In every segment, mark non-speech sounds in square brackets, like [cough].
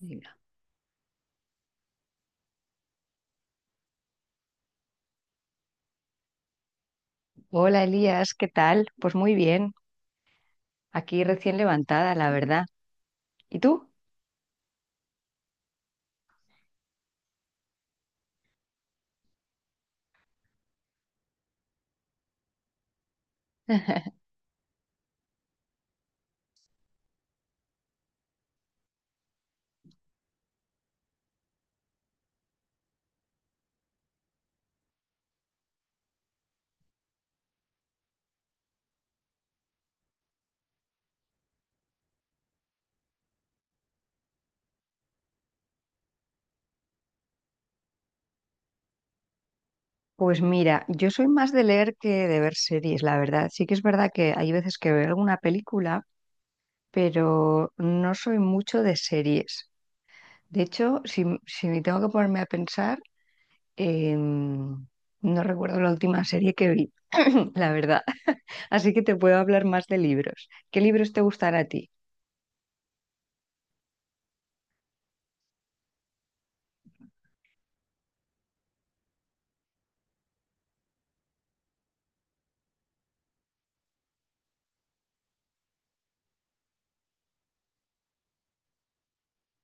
Venga. Hola Elías, ¿qué tal? Pues muy bien, aquí recién levantada, la verdad. ¿Y tú? [laughs] Pues mira, yo soy más de leer que de ver series, la verdad. Sí que es verdad que hay veces que veo alguna película, pero no soy mucho de series. De hecho, si me tengo que ponerme a pensar, em, no recuerdo la última serie que vi, [clears throat] la verdad. [laughs] Así que te puedo hablar más de libros. ¿Qué libros te gustan a ti?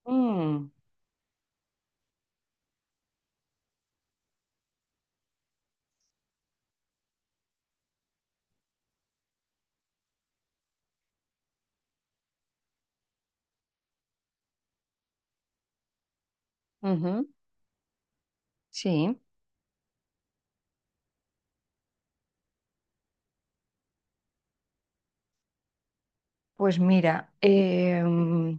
Mm, ujú, sí. Pues mira,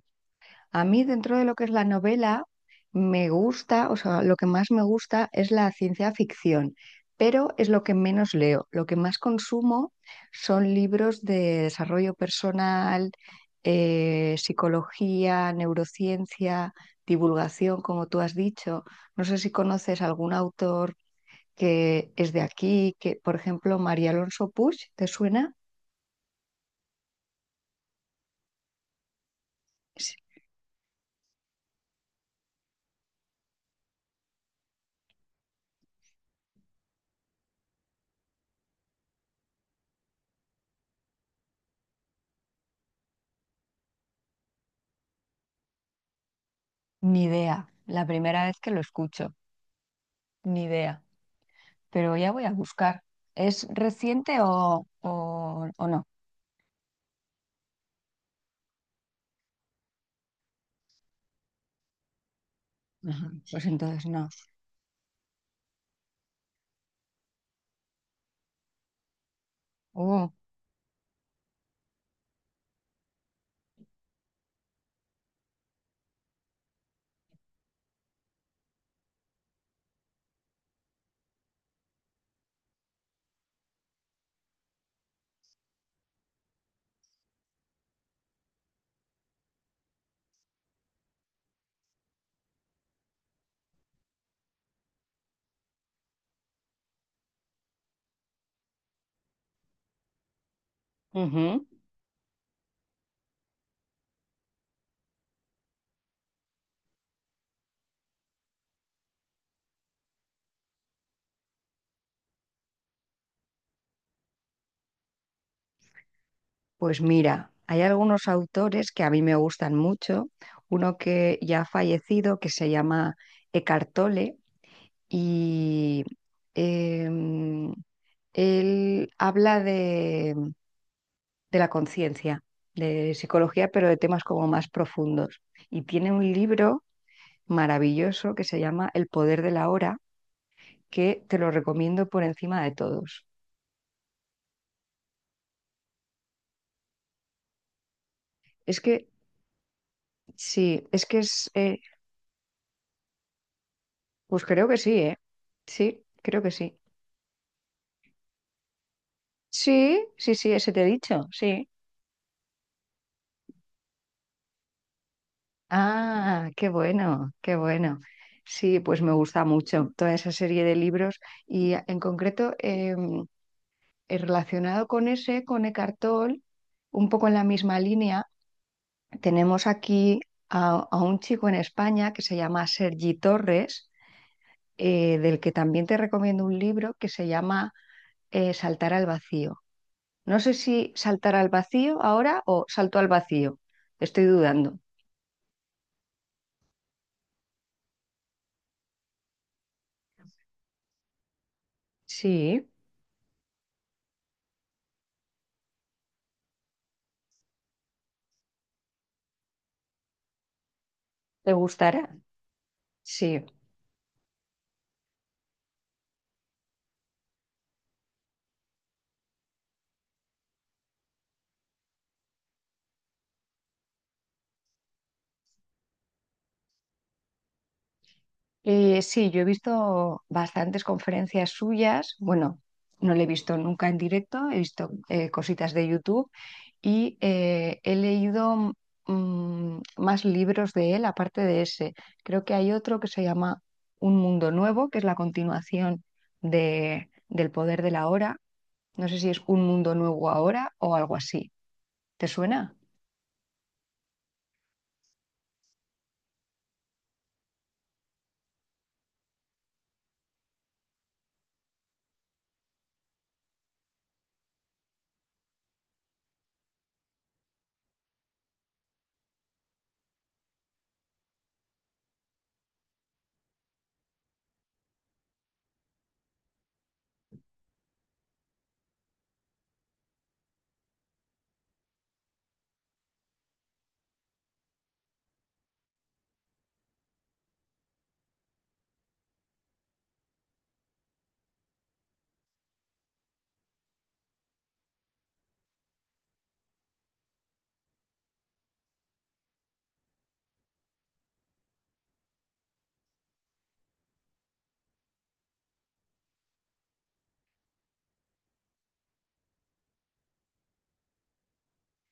a mí dentro de lo que es la novela, me gusta, o sea, lo que más me gusta es la ciencia ficción, pero es lo que menos leo. Lo que más consumo son libros de desarrollo personal, psicología, neurociencia, divulgación, como tú has dicho. No sé si conoces algún autor que es de aquí, que, por ejemplo, María Alonso Puig, ¿te suena? Sí. Ni idea, la primera vez que lo escucho. Ni idea, pero ya voy a buscar. ¿Es reciente o no? Ajá, pues entonces no. Oh, ujú. Pues mira, hay algunos autores que a mí me gustan mucho. Uno que ya ha fallecido, que se llama Eckhart Tolle, y em, él habla de la conciencia, de psicología, pero de temas como más profundos. Y tiene un libro maravilloso que se llama El poder de la hora, que te lo recomiendo por encima de todos. Es que sí, es que pues creo que sí, ¿eh? Sí, creo que sí. Sí, sí, sí, ese te he dicho, sí. Ah, qué bueno, qué bueno. Sí, pues me gusta mucho toda esa serie de libros y ah, en concreto, relacionado con ese, con Eckhart Tolle, un poco en la misma línea, tenemos aquí a un chico en España que se llama Sergi Torres, del que también te recomiendo un libro que se llama, Saltar al vacío. No sé si saltar al vacío ahora o salto al vacío. Estoy dudando. Sí, ¿te gustará? Sí. Sí, yo he visto bastantes conferencias suyas. Bueno, no le he visto nunca en directo, he visto cositas de YouTube y he leído más libros de él aparte de ese. Creo que hay otro que se llama Un Mundo Nuevo, que es la continuación del Poder de la Hora. No sé si es Un Mundo Nuevo ahora o algo así. ¿Te suena?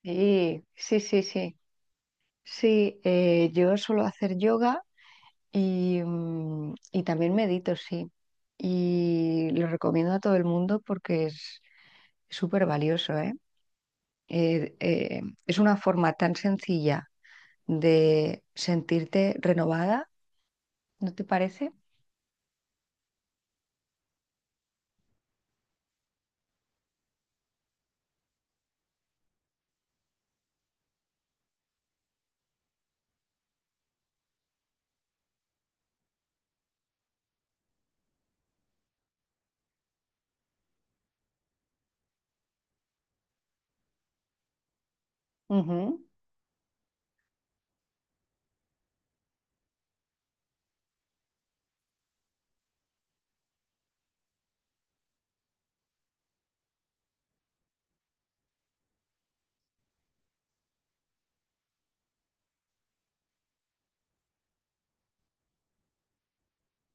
Sí, sí, sí, sí. Sí, yo suelo hacer yoga y, y también medito, sí. Y lo recomiendo a todo el mundo porque es súper valioso, ¿eh? Es una forma tan sencilla de sentirte renovada, ¿no te parece?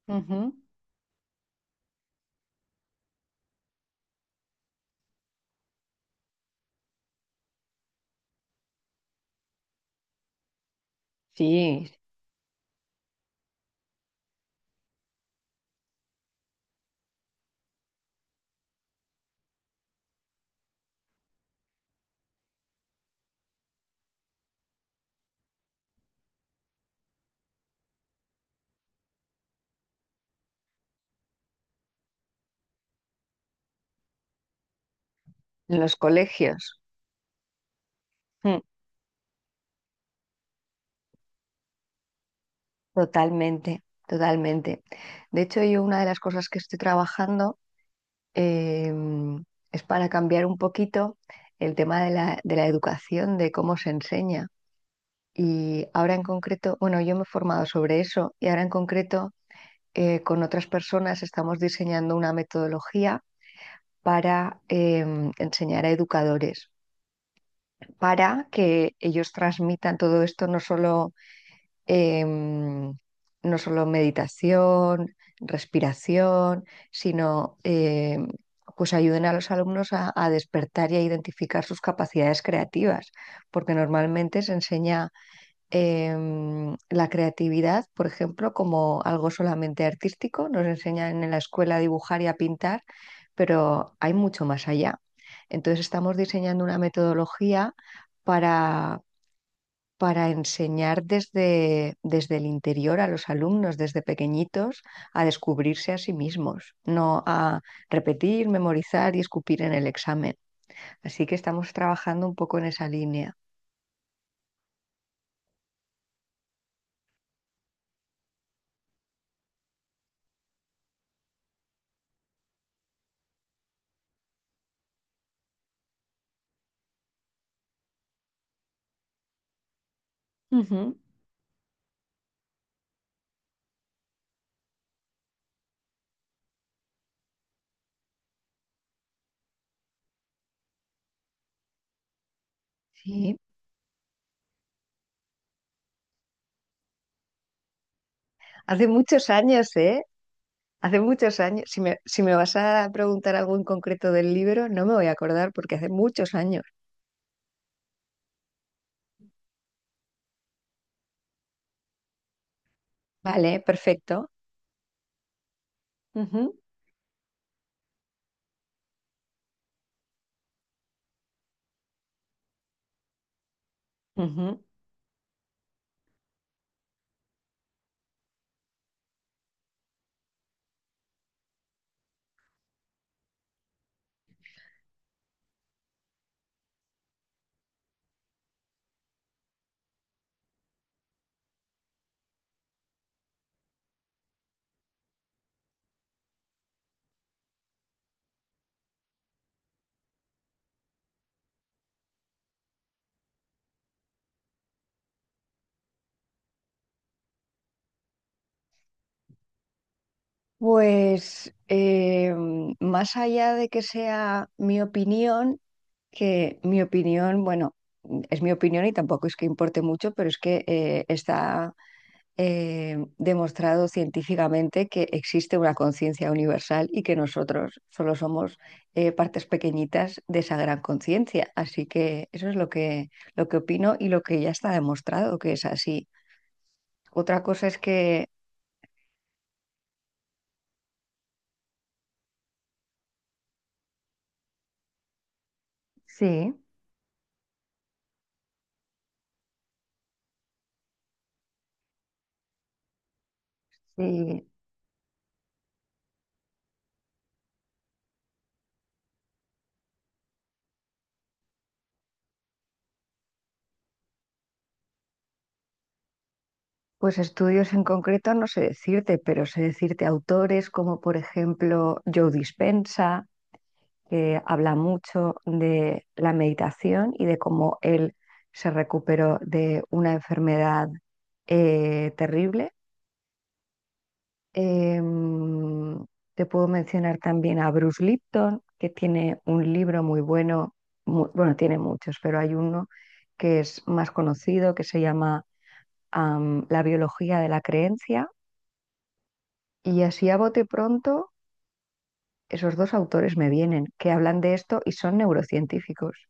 Ujú, ujú. Sí, en los colegios. Mm, totalmente, totalmente. De hecho, yo una de las cosas que estoy trabajando, em, es para cambiar un poquito el tema de de la educación, de cómo se enseña. Y ahora en concreto, bueno, yo me he formado sobre eso, y ahora en concreto, con otras personas estamos diseñando una metodología para enseñar a educadores, para que ellos transmitan todo esto, no solo, em, no solo meditación, respiración, sino pues ayuden a los alumnos a despertar y a identificar sus capacidades creativas, porque normalmente se enseña, la creatividad, por ejemplo, como algo solamente artístico. Nos enseñan en la escuela a dibujar y a pintar, pero hay mucho más allá. Entonces estamos diseñando una metodología para, para enseñar desde el interior a los alumnos, desde pequeñitos, a descubrirse a sí mismos, no a repetir, memorizar y escupir en el examen. Así que estamos trabajando un poco en esa línea. Ujú. Sí, hace muchos años, ¿eh? Hace muchos años, si me vas a preguntar algo en concreto del libro, no me voy a acordar porque hace muchos años. Vale, perfecto. Ujú, ujú. Pues más allá de que sea mi opinión, que mi opinión, bueno, es mi opinión y tampoco es que importe mucho, pero es que está demostrado científicamente que existe una conciencia universal y que nosotros solo somos partes pequeñitas de esa gran conciencia. Así que eso es lo que opino y lo que ya está demostrado que es así. Otra cosa es que sí, sí, pues estudios en concreto no sé decirte, pero sé decirte autores como por ejemplo Joe Dispenza, que habla mucho de la meditación y de cómo él se recuperó de una enfermedad, terrible. Eh, Te puedo mencionar también a Bruce Lipton, que tiene un libro muy bueno, bueno, tiene muchos, pero hay uno que es más conocido, que se llama, La biología de la creencia. Y así a bote pronto, esos dos autores me vienen, que hablan de esto y son neurocientíficos.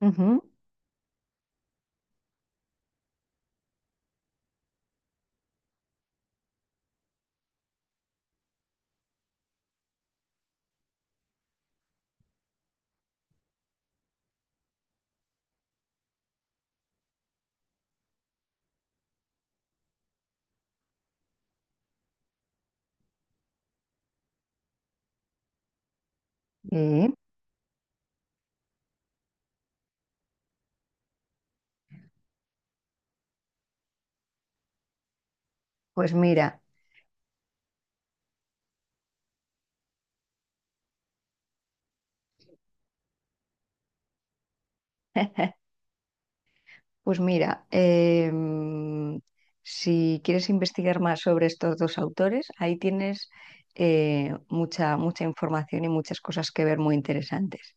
Ujú, sí. Pues mira, [laughs] pues mira, em, si quieres investigar más sobre estos dos autores, ahí tienes mucha, mucha información y muchas cosas que ver muy interesantes.